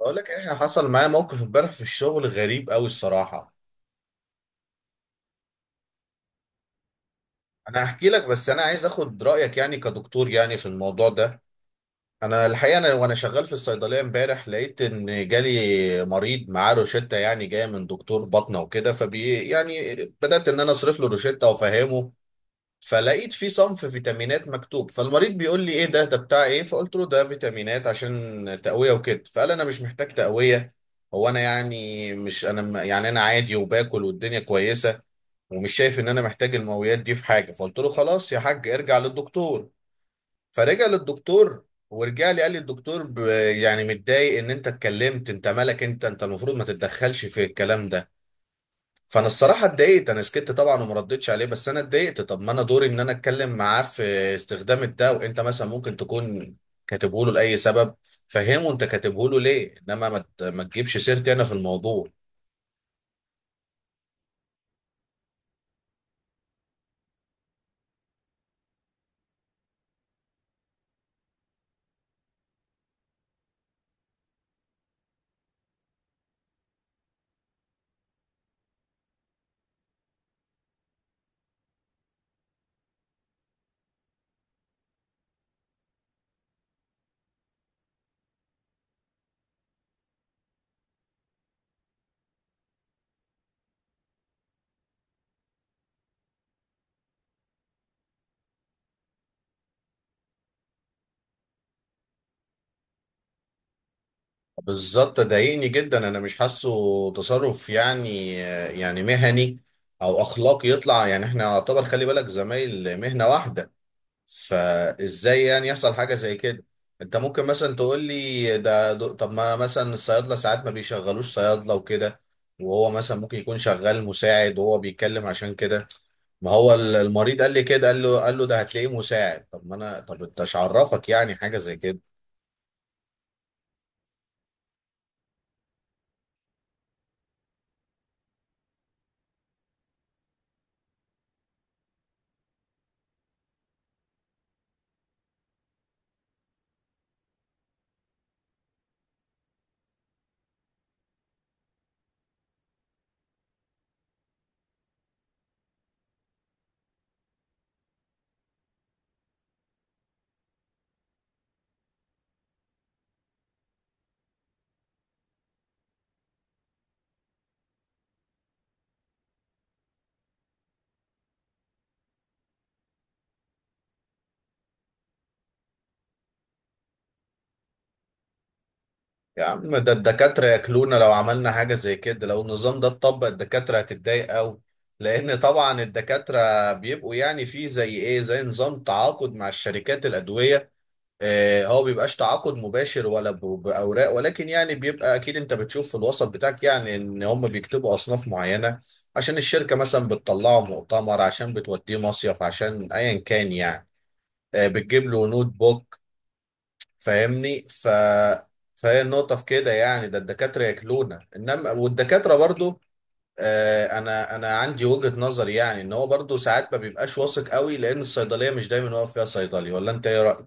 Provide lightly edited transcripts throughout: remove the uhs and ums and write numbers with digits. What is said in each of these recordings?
بقول لك احنا حصل معايا موقف امبارح في الشغل غريب قوي الصراحه. انا هحكي لك، بس انا عايز اخد رايك يعني كدكتور يعني في الموضوع ده. انا الحقيقه وانا شغال في الصيدليه امبارح، لقيت ان جالي مريض معاه روشته يعني جايه من دكتور بطنه وكده، فبي يعني بدات ان انا اصرف له روشته وافهمه. فلقيت في صنف فيتامينات مكتوب، فالمريض بيقول لي: ايه ده بتاع ايه؟ فقلت له: ده فيتامينات عشان تقوية وكده. فقال: انا مش محتاج تقوية. هو انا يعني مش انا م- يعني انا عادي وباكل والدنيا كويسة، ومش شايف ان انا محتاج المقويات دي في حاجة. فقلت له: خلاص يا حاج، ارجع للدكتور. فرجع للدكتور، ورجع لي قال لي الدكتور يعني متضايق ان انت اتكلمت. انت مالك؟ انت المفروض ما تتدخلش في الكلام ده. فانا الصراحه اتضايقت، انا سكت طبعا وما ردتش عليه، بس انا اتضايقت. طب ما انا دوري ان انا اتكلم معاه في استخدام ده، وانت مثلا ممكن تكون كاتبه له لاي سبب، فهمه انت كاتبه له ليه، انما ما تجيبش سيرتي انا في الموضوع. بالظبط، ضايقني جدا، انا مش حاسه تصرف يعني، يعني مهني او اخلاقي يطلع، يعني احنا يعتبر خلي بالك زمايل مهنه واحده. فازاي يعني يحصل حاجه زي كده؟ انت ممكن مثلا تقول لي طب ما مثلا الصيادله ساعات ما بيشغلوش صيادله وكده، وهو مثلا ممكن يكون شغال مساعد وهو بيتكلم عشان كده. ما هو المريض قال لي كده، قال له ده هتلاقيه مساعد. طب ما انا، طب انت مش عرفك يعني حاجه زي كده؟ يا عم، ده الدكاتره ياكلونا لو عملنا حاجه زي كده. لو النظام ده اتطبق، الدكاتره هتتضايق قوي، لان طبعا الدكاتره بيبقوا يعني في زي ايه، زي نظام تعاقد مع الشركات الادويه. هو بيبقاش تعاقد مباشر ولا بأوراق، ولكن يعني بيبقى أكيد أنت بتشوف في الوسط بتاعك يعني إن هم بيكتبوا أصناف معينة عشان الشركة مثلا بتطلعه مؤتمر، عشان بتوديه مصيف، عشان أيا كان يعني. بتجيب له نوت بوك، فاهمني؟ فهي النقطة في كده يعني، ده الدكاترة ياكلونا. إنما والدكاترة برضو، أنا عندي وجهة نظر يعني إن هو برضو ساعات ما بيبقاش واثق قوي، لأن الصيدلية مش دايما واقف فيها صيدلي. ولا أنت إيه رأيك؟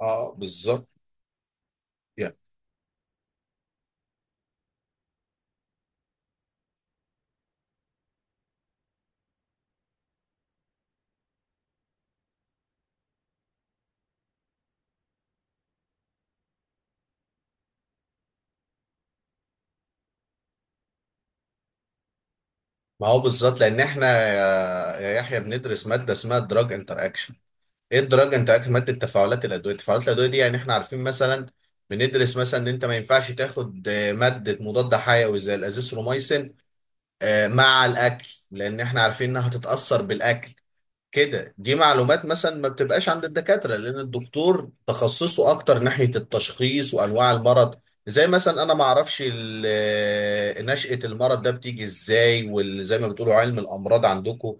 اه بالظبط. ما هو بالظبط، لان احنا يا يحيى بندرس ماده اسمها الدراج انتر اكشن. ايه الدراج انتر اكشن؟ ماده تفاعلات الادويه. تفاعلات الادويه دي يعني احنا عارفين مثلا، بندرس مثلا ان انت ما ينفعش تاخد ماده مضاد حيوي زي الازيثروميسين مع الاكل، لان احنا عارفين انها هتتاثر بالاكل. كده دي معلومات مثلا ما بتبقاش عند الدكاترة، لأن الدكتور تخصصه أكتر ناحية التشخيص وأنواع المرض. زي مثلا أنا ما أعرفش نشأة المرض ده بتيجي إزاي، وزي ما بتقولوا علم الأمراض عندكم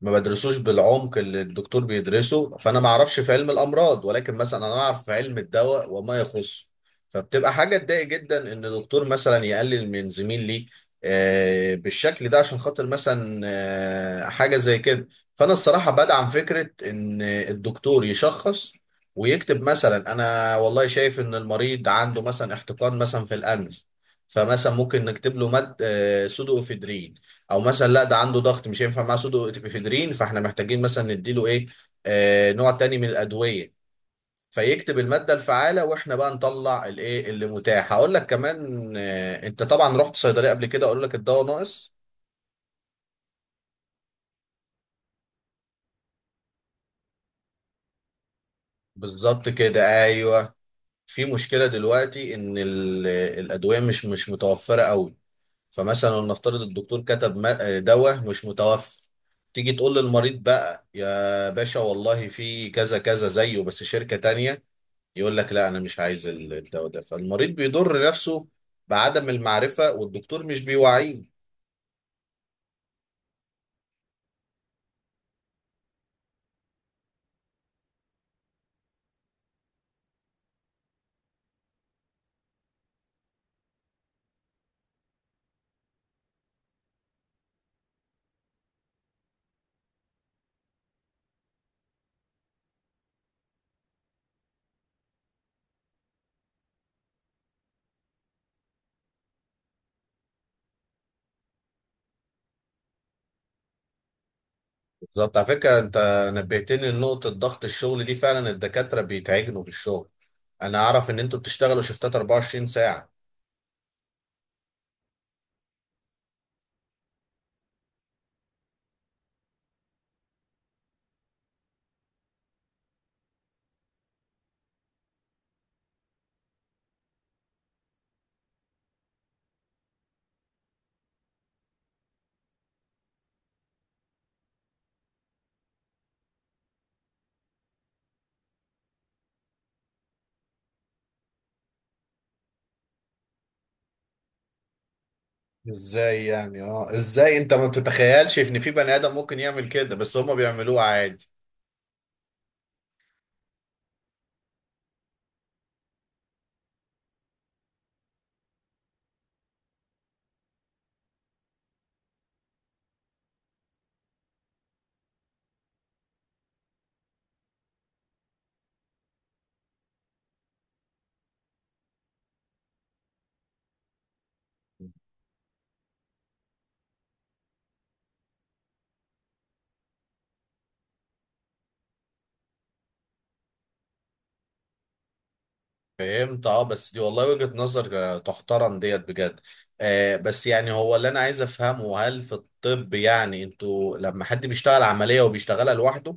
ما بدرسوش بالعمق اللي الدكتور بيدرسه. فانا ما اعرفش في علم الامراض، ولكن مثلا انا اعرف في علم الدواء وما يخصه. فبتبقى حاجه تضايق جدا ان دكتور مثلا يقلل من زميل ليه بالشكل ده، عشان خاطر مثلا حاجه زي كده. فانا الصراحه بدعم فكره ان الدكتور يشخص ويكتب مثلا: انا والله شايف ان المريض عنده مثلا احتقان مثلا في الانف، فمثلا ممكن نكتب له مد سودو افيدرين. او مثلا لا، ده عنده ضغط مش هينفع معاه سودو افيدرين، فاحنا محتاجين مثلا نديله ايه، نوع تاني من الادويه. فيكتب الماده الفعاله، واحنا بقى نطلع الايه اللي متاح. هقول لك كمان، انت طبعا رحت صيدليه قبل كده، اقول لك الدواء ناقص. بالظبط كده، ايوه. في مشكله دلوقتي ان الادويه مش متوفره قوي. فمثلا نفترض الدكتور كتب دواء مش متوفر، تيجي تقول للمريض بقى: يا باشا والله في كذا كذا زيه بس شركه تانيه. يقول لك: لا انا مش عايز الدواء ده. فالمريض بيضر نفسه بعدم المعرفه، والدكتور مش بيوعيه. بالظبط. على فكره انت نبهتني لنقطه ضغط الشغل دي، فعلا الدكاتره بيتعجنوا في الشغل. انا اعرف ان انتوا بتشتغلوا شفتات 24 ساعه. ازاي يعني؟ اه ازاي؟ انت ما بتتخيلش ان في بني ادم ممكن يعمل كده، بس هما بيعملوه عادي. فهمت. اه بس دي والله وجهة نظر تحترم ديت بجد. آه، بس يعني هو اللي انا عايز افهمه، هل في الطب يعني انتوا لما حد بيشتغل عملية وبيشتغلها لوحده؟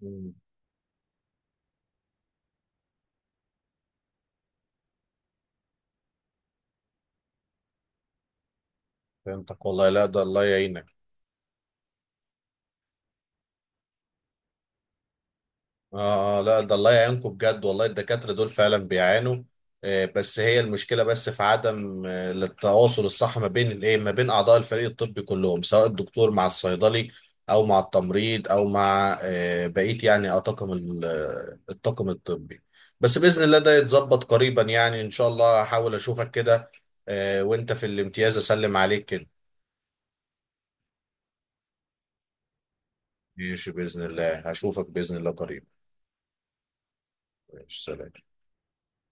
مم. فهمتك والله، لا ده الله يعينك. آه، آه، لا ده الله يعينكم بجد والله، الدكاترة دول فعلا بيعانوا. آه، بس هي المشكلة بس في عدم التواصل الصح ما بين الايه، ما بين أعضاء الفريق الطبي كلهم، سواء الدكتور مع الصيدلي أو مع التمريض أو مع بقية يعني الطاقم الطاقم الطبي. بس بإذن الله ده يتظبط قريبا يعني، إن شاء الله. هحاول أشوفك كده وأنت في الامتياز، أسلم عليك كده. ماشي بإذن الله، هشوفك بإذن الله قريبا. ماشي، سلام.